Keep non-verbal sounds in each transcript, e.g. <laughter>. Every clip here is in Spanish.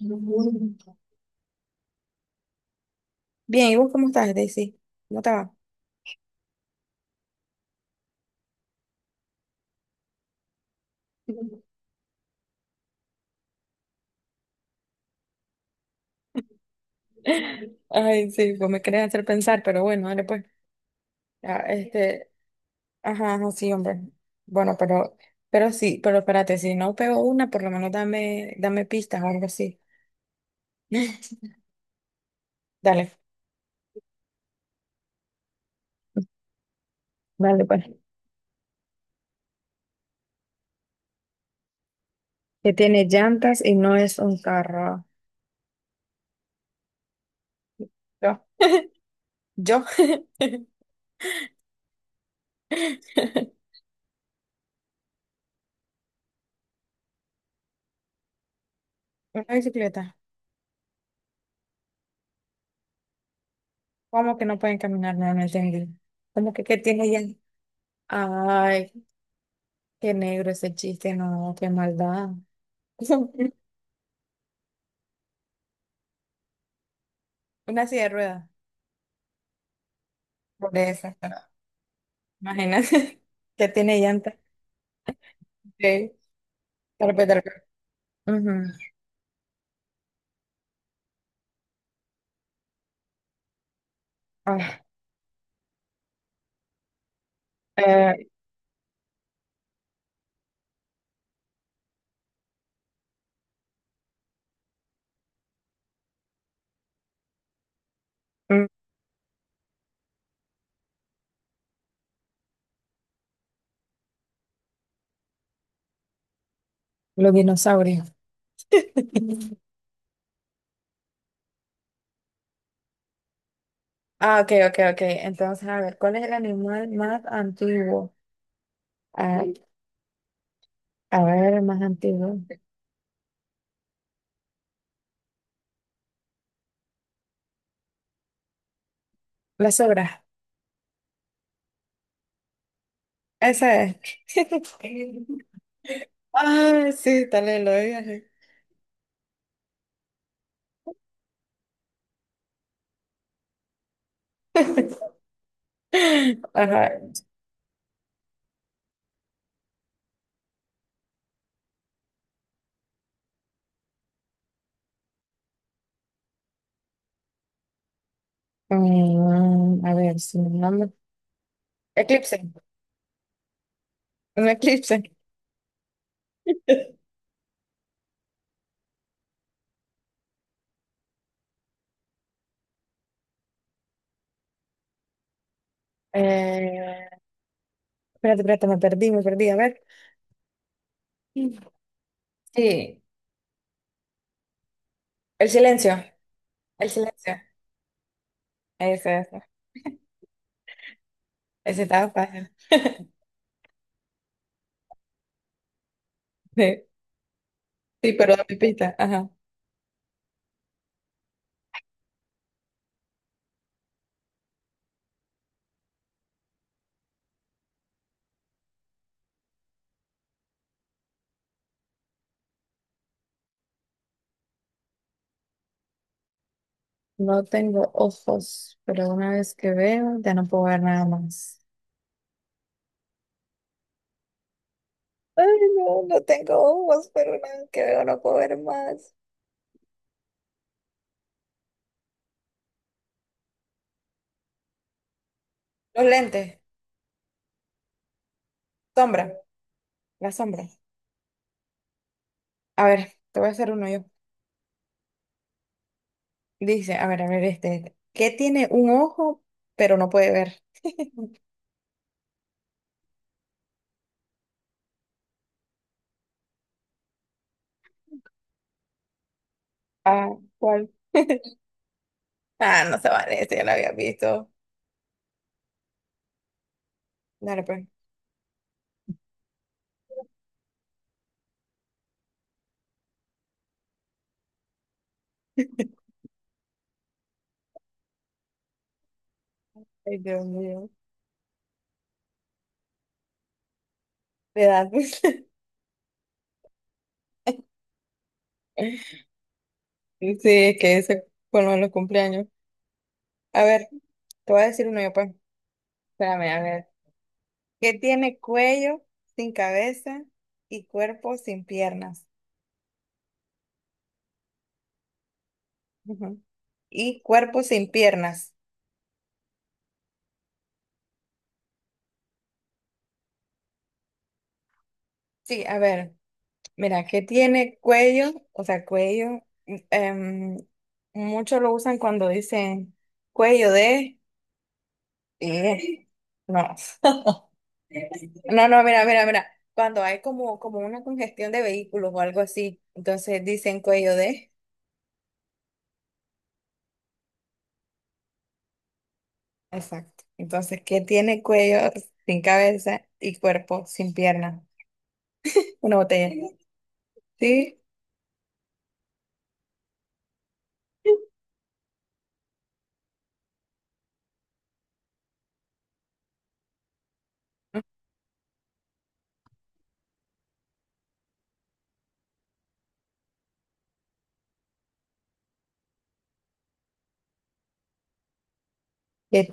Bien, ¿y vos cómo estás, Daisy? ¿Cómo te va? <laughs> Ay, sí, pues me querés hacer pensar, pero bueno, dale pues. Ya, ajá, ajá, sí, hombre. Bueno, pero sí, pero espérate, si no pego una, por lo menos dame pistas o algo así. <laughs> Dale. Dale, pues. Que tiene llantas y no es un carro. Yo. Yo. <laughs> Una bicicleta. ¿Cómo que no pueden caminar? No, no entendí. ¿Cómo que qué tiene llantas? Ay. Qué negro ese chiste, no, qué maldad. <laughs> Una silla de ruedas. Por esa, pero imagínate <laughs> que tiene llantas de carpeta. Ujú. Ah, eh, mm, los dinosaurios. <laughs> Ah, ok, ok, ok. Entonces, a ver, ¿cuál es el animal más antiguo? a a ver, el más antiguo. La sobra. Esa es. <laughs> Ah, sí, tal vez lo dije. <laughs> Ajá. A ver, si no eclipse, un eclipse. Eh, Espérate, espérate, me perdí. A ver. Sí, el silencio, el silencio. Ese, ese. Ese estaba fácil. <laughs> Sí, sí, pero la pipita, ajá. No tengo ojos, pero una vez que veo, ya no puedo ver nada más. Ay, no, no tengo ojos, pero una vez que veo, no puedo ver más. Los lentes, sombra, la sombra. A ver, te voy a hacer uno yo. Dice, a ver, ¿Qué tiene un ojo, pero no puede ver? <laughs> Ah, ¿cuál? Ah, no se vale, ese ya lo había visto. Dale, pues. <laughs> Ay, Dios mío. De edad. <laughs> Sí, es que eso con lo de los cumpleaños. A ver, te voy a decir uno yo, pues. Espérame, a ver. Que tiene cuello sin cabeza y cuerpo sin piernas. Ujú. Y cuerpo sin piernas. Sí, a ver, mira, que tiene cuello, o sea, cuello, muchos lo usan cuando dicen cuello de. Eh, no. No, no, mira. Cuando hay como, como una congestión de vehículos o algo así, entonces dicen cuello de. Exacto. Entonces, ¿qué tiene cuello sin cabeza y cuerpo sin pierna? Una botella. Sí. ¿Qué,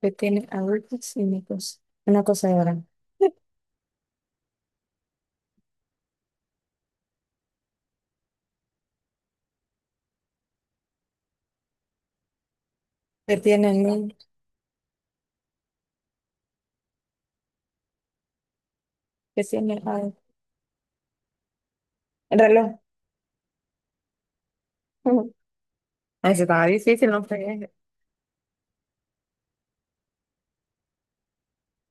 qué tiene adultos cínicos? Una cosadora. ¿Qué tiene el ¿Qué tiene el reloj? <laughs> Ujú. Ah, ese estaba difícil, no fregues.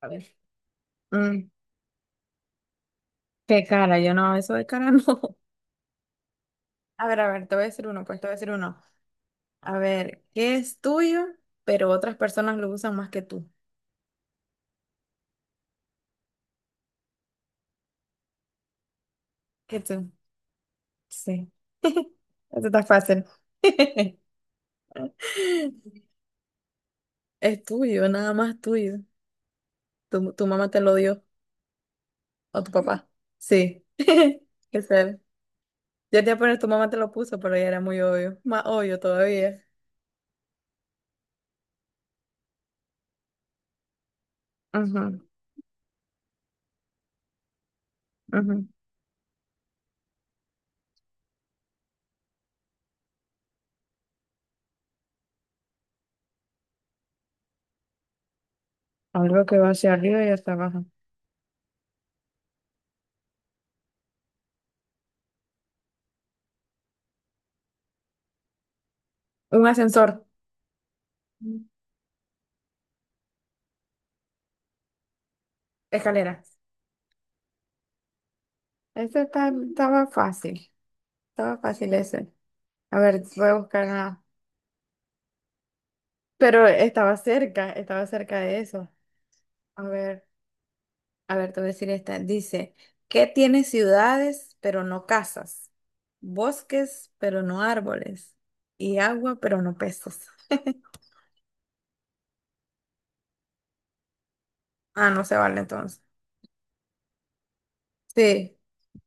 A ver. Mm, Qué cara, yo no, eso de cara <laughs> no. A ver, te voy a decir uno, pues te voy a decir uno. A ver, ¿qué es tuyo, pero otras personas lo usan más que tú? Que tú. Sí, eso está fácil. <laughs> Es tuyo, nada más tuyo. Tu mamá te lo dio, o tu papá. Sí, <laughs> qué ser. Yo te iba a poner, tu mamá te lo puso, pero ya era muy obvio. Más obvio todavía. Ujú, ujú. Algo que va hacia arriba y hasta abajo. Un ascensor. Escaleras. Ese está- estaba fácil. Estaba fácil ese. A ver, voy a buscar una. Pero estaba cerca de eso. A ver, a ver, te voy a decir esta. Dice, ¿qué tiene ciudades pero no casas? Bosques pero no árboles. Y agua pero no peces. Ah, no se vale entonces. Sí,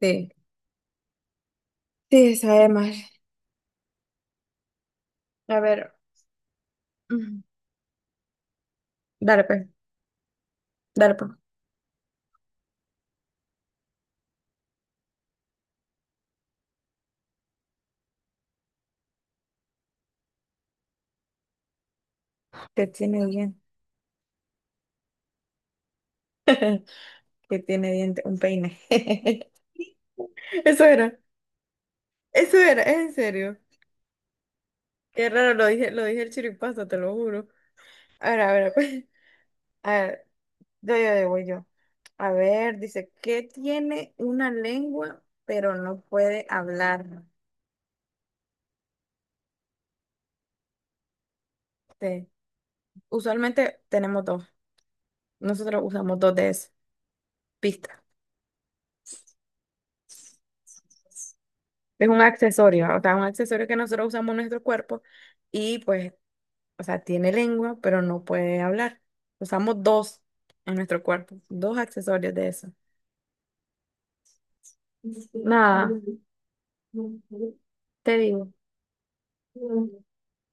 sí. Sí, sabe mal. A ver, mm, dale pues, dale pues. ¿Qué tiene bien? <laughs> ¿Que tiene diente? Un peine. <laughs> Eso era, eso era, es en serio. Qué raro, lo dije el chiripazo, te lo juro. A ver, <laughs> a ver, yo, voy yo. A ver, dice, ¿qué tiene una lengua pero no puede hablar? Te- Usualmente tenemos dos. Nosotros usamos dos de esas pista. Es un accesorio, o sea, un accesorio que nosotros usamos en nuestro cuerpo y pues, o sea, tiene lengua pero no puede hablar. Usamos dos en nuestro cuerpo, dos accesorios de eso. Nada, te digo,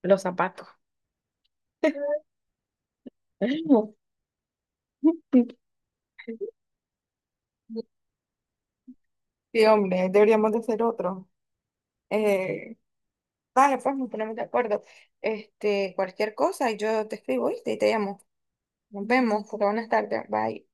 los zapatos. <laughs> Sí, hombre, deberíamos de hacer otro. Eh, Dale, pues nos ponemos de acuerdo. Este, cualquier cosa, yo te escribo, ¿viste? Y te llamo. Nos vemos, porque buenas tardes. Bye.